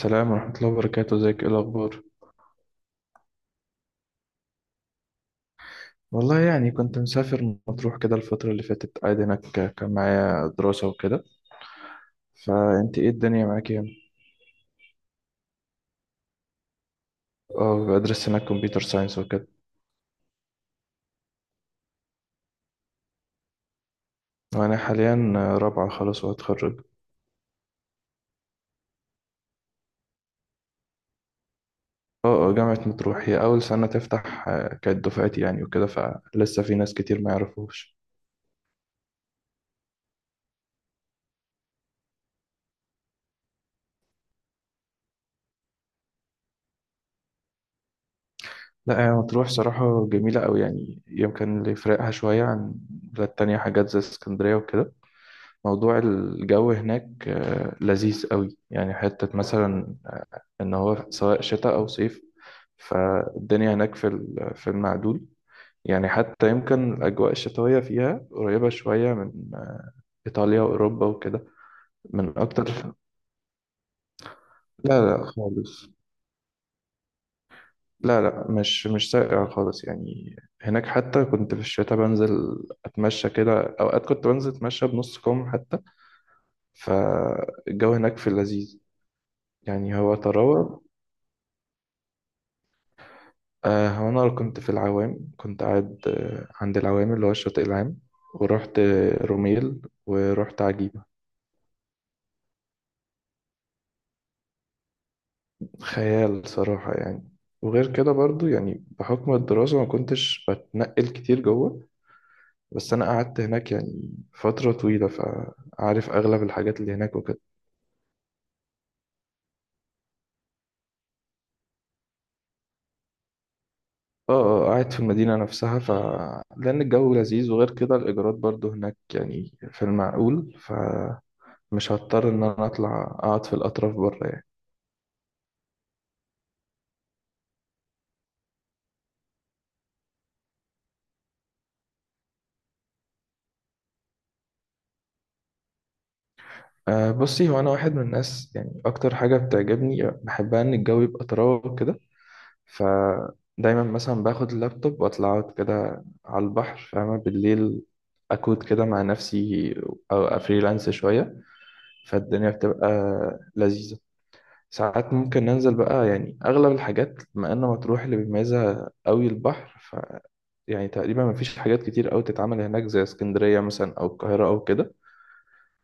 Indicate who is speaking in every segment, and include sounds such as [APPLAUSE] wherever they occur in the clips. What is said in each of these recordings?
Speaker 1: سلام ورحمة الله وبركاته، ازيك؟ ايه الأخبار؟ والله يعني كنت مسافر مطروح كده الفترة اللي فاتت، قاعد هناك. كان معايا دراسة وكده. فأنت ايه الدنيا معاك يعني؟ اه، بدرس هناك كمبيوتر ساينس وكده. وأنا حاليا رابعة خلاص وهتخرج. اه اه، جامعة مطروح هي أول سنة تفتح. كانت دفعتي يعني وكده، فلسه في ناس كتير ما يعرفوش. لا، هي مطروح صراحة جميلة أوي يعني. يمكن اللي يفرقها شوية عن البلاد التانية حاجات زي اسكندرية وكده، موضوع الجو هناك. لذيذ قوي يعني. حتة مثلا إن هو سواء شتاء أو صيف، فالدنيا هناك في في المعدول. يعني حتى يمكن الأجواء الشتوية فيها قريبة شوية من إيطاليا وأوروبا وكده. من أكتر. لا لا خالص. لا لا، مش ساقع خالص يعني. هناك حتى كنت في الشتاء بنزل أتمشى كده، أوقات كنت بنزل أتمشى بنص كم حتى. فالجو هناك في اللذيذ، يعني هو طراوة. هو أنا كنت في العوام، كنت قاعد عند العوام اللي هو الشاطئ العام. ورحت روميل، ورحت عجيبة. خيال صراحة يعني. وغير كده برضو يعني بحكم الدراسة ما كنتش بتنقل كتير جوه. بس أنا قعدت هناك يعني فترة طويلة، فعارف أغلب الحاجات اللي هناك وكده. اه، قاعد في المدينة نفسها. ف لأن الجو لذيذ، وغير كده الإيجارات برضو هناك يعني في المعقول، فمش هضطر إن أنا أطلع أقعد في الأطراف بره يعني. أه، بصي، هو أنا واحد من الناس يعني أكتر حاجة بتعجبني بحبها إن الجو يبقى طراوة كده. فدايما مثلا باخد اللابتوب وأطلع أقعد كده على البحر، فاهمة، بالليل أكود كده مع نفسي أو أفريلانس شوية، فالدنيا بتبقى لذيذة. ساعات ممكن ننزل بقى. يعني أغلب الحاجات بما إن مطروح اللي بيميزها أوي البحر، ف يعني تقريبا مفيش حاجات كتير أوي تتعمل هناك زي اسكندرية مثلا أو القاهرة أو كده.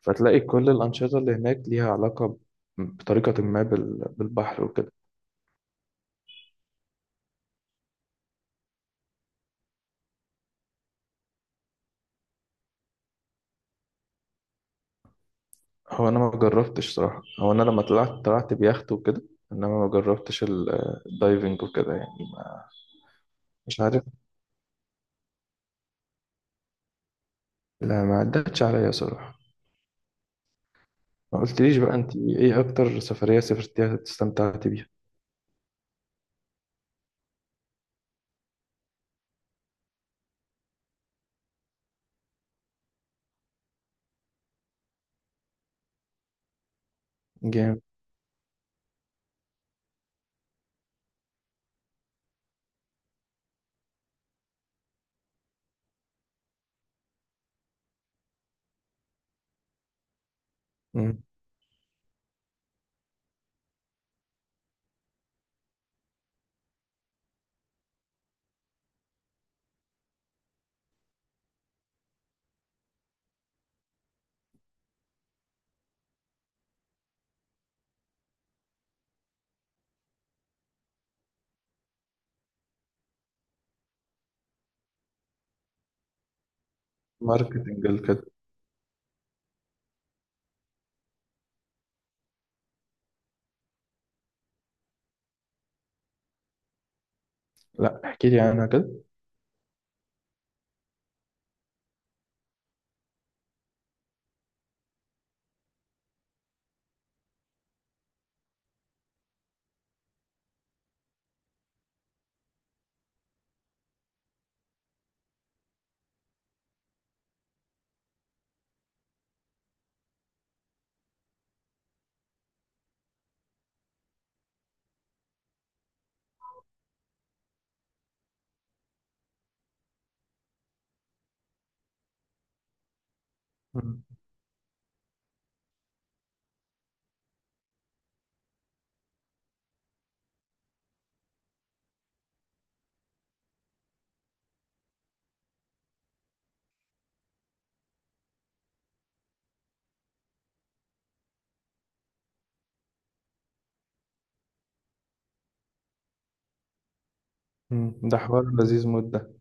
Speaker 1: فتلاقي كل الأنشطة اللي هناك ليها علاقة بطريقة ما بالبحر وكده. هو أنا ما جربتش صراحة. هو أنا لما طلعت، طلعت بيخت وكده. إنما ما جربتش الدايفنج وكده يعني ما. مش عارف. لا، ما عدتش عليا صراحة. ما قلتليش بقى أنت إيه أكتر سفرية سافرتيها استمتعتي بيها؟ جامد. مم. ماركتنج كده. لا، احكي لي عنها كده. مم. مم. ده حوار لذيذ مدة.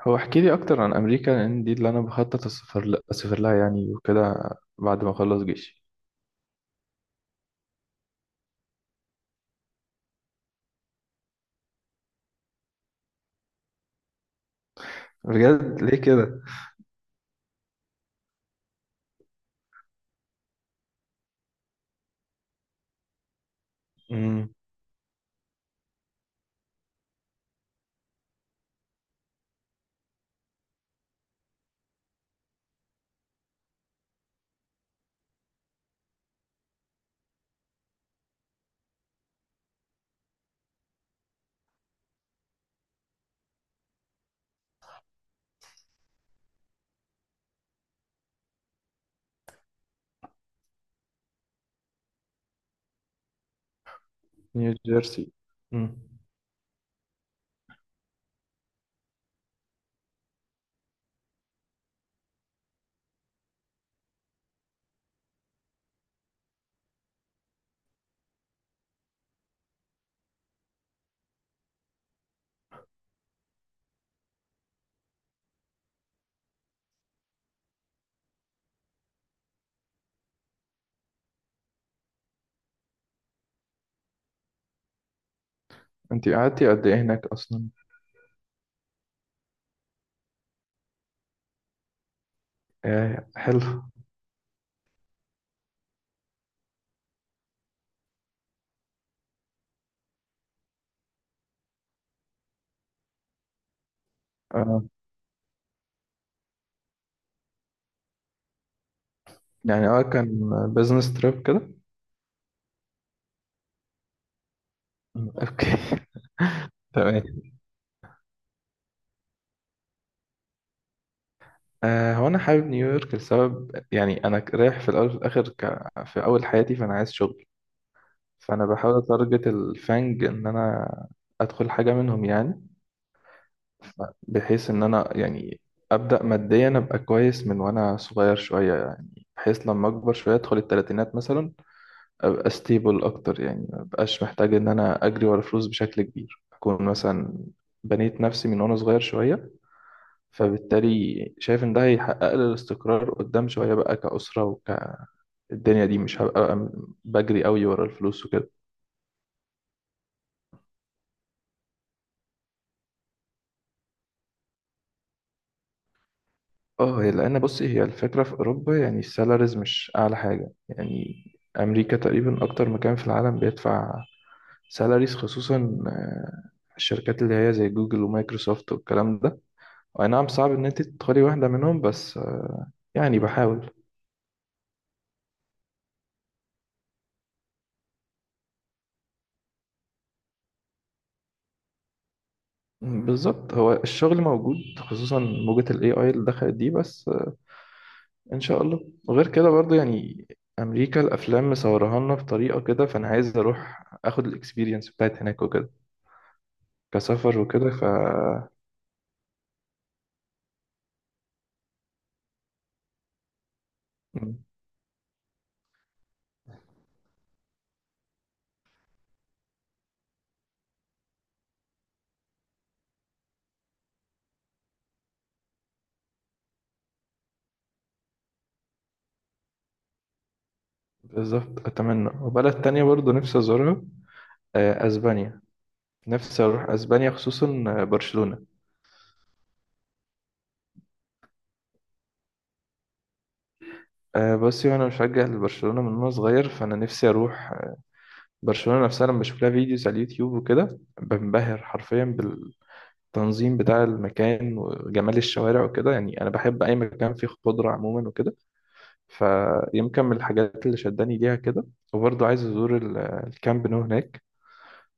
Speaker 1: هو احكي لي اكتر عن امريكا، لان دي اللي انا بخطط اسافر لها يعني وكده، بعد ما اخلص جيشي. بجد؟ ليه كده؟ امم نيو جيرسي. مم. انت قعدتي قد ايه هناك اصلا؟ آه حلو. آه يعني. اه كان بزنس تريب كده. مم. اوكي. [LAUGHS] تمام. هو انا حابب نيويورك لسبب. يعني انا رايح في الاول وفي الاخر في اول حياتي، فانا عايز شغل. فانا بحاول اتارجت الفانج ان انا ادخل حاجه منهم يعني. بحيث ان انا يعني ابدا ماديا ابقى كويس من وانا صغير شويه، يعني بحيث لما اكبر شويه ادخل الثلاثينات مثلا ابقى ستيبل اكتر، يعني ما ابقاش محتاج ان انا اجري ورا فلوس بشكل كبير. اكون مثلا بنيت نفسي من وانا صغير شويه، فبالتالي شايف ان ده هيحقق لي الاستقرار قدام شويه بقى كأسره الدنيا دي مش هبقى بجري قوي ورا الفلوس وكده. اه، هي لان بصي هي الفكره في اوروبا يعني السالاريز مش اعلى حاجه يعني. امريكا تقريبا اكتر مكان في العالم بيدفع سالاريز، خصوصا الشركات اللي هي زي جوجل ومايكروسوفت والكلام ده. اي نعم صعب ان انت تدخلي واحده منهم، بس يعني بحاول. بالظبط. هو الشغل موجود خصوصا موجة الـAI اللي دخلت دي، بس ان شاء الله. وغير كده برضو يعني امريكا الافلام مصورها لنا بطريقه كده، فانا عايز اروح اخد الاكسبيرينس بتاعت هناك وكده كسفر وكده مم. بالظبط، أتمنى. وبلد تانية برضو نفسي أزورها، أسبانيا. نفسي أروح أسبانيا، خصوصا برشلونة. بصي، وأنا مشجع لبرشلونة من وأنا صغير، فأنا نفسي أروح برشلونة نفسها. لما بشوف لها فيديوز على اليوتيوب وكده بنبهر حرفيا بالتنظيم بتاع المكان وجمال الشوارع وكده. يعني أنا بحب أي مكان فيه خضرة عموما وكده، فيمكن من الحاجات اللي شداني ليها كده. وبرضو عايز أزور الكامب نو هناك،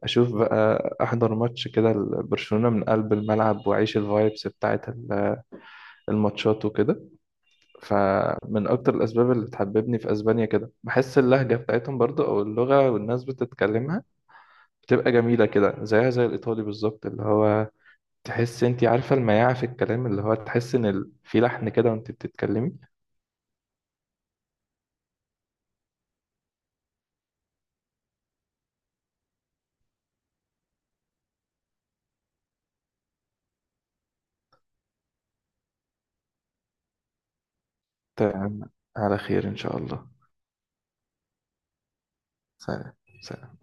Speaker 1: اشوف بقى، احضر ماتش كده لبرشلونة من قلب الملعب، واعيش الفايبس بتاعت الماتشات وكده. فمن اكتر الاسباب اللي بتحببني في اسبانيا كده بحس اللهجة بتاعتهم برضو، او اللغة والناس بتتكلمها بتبقى جميلة كده زيها زي الايطالي بالظبط اللي هو تحس انت عارفة المياعة في الكلام اللي هو تحس ان في لحن كده وانت بتتكلمي. تمام. على خير ان شاء الله. سلام. سلام.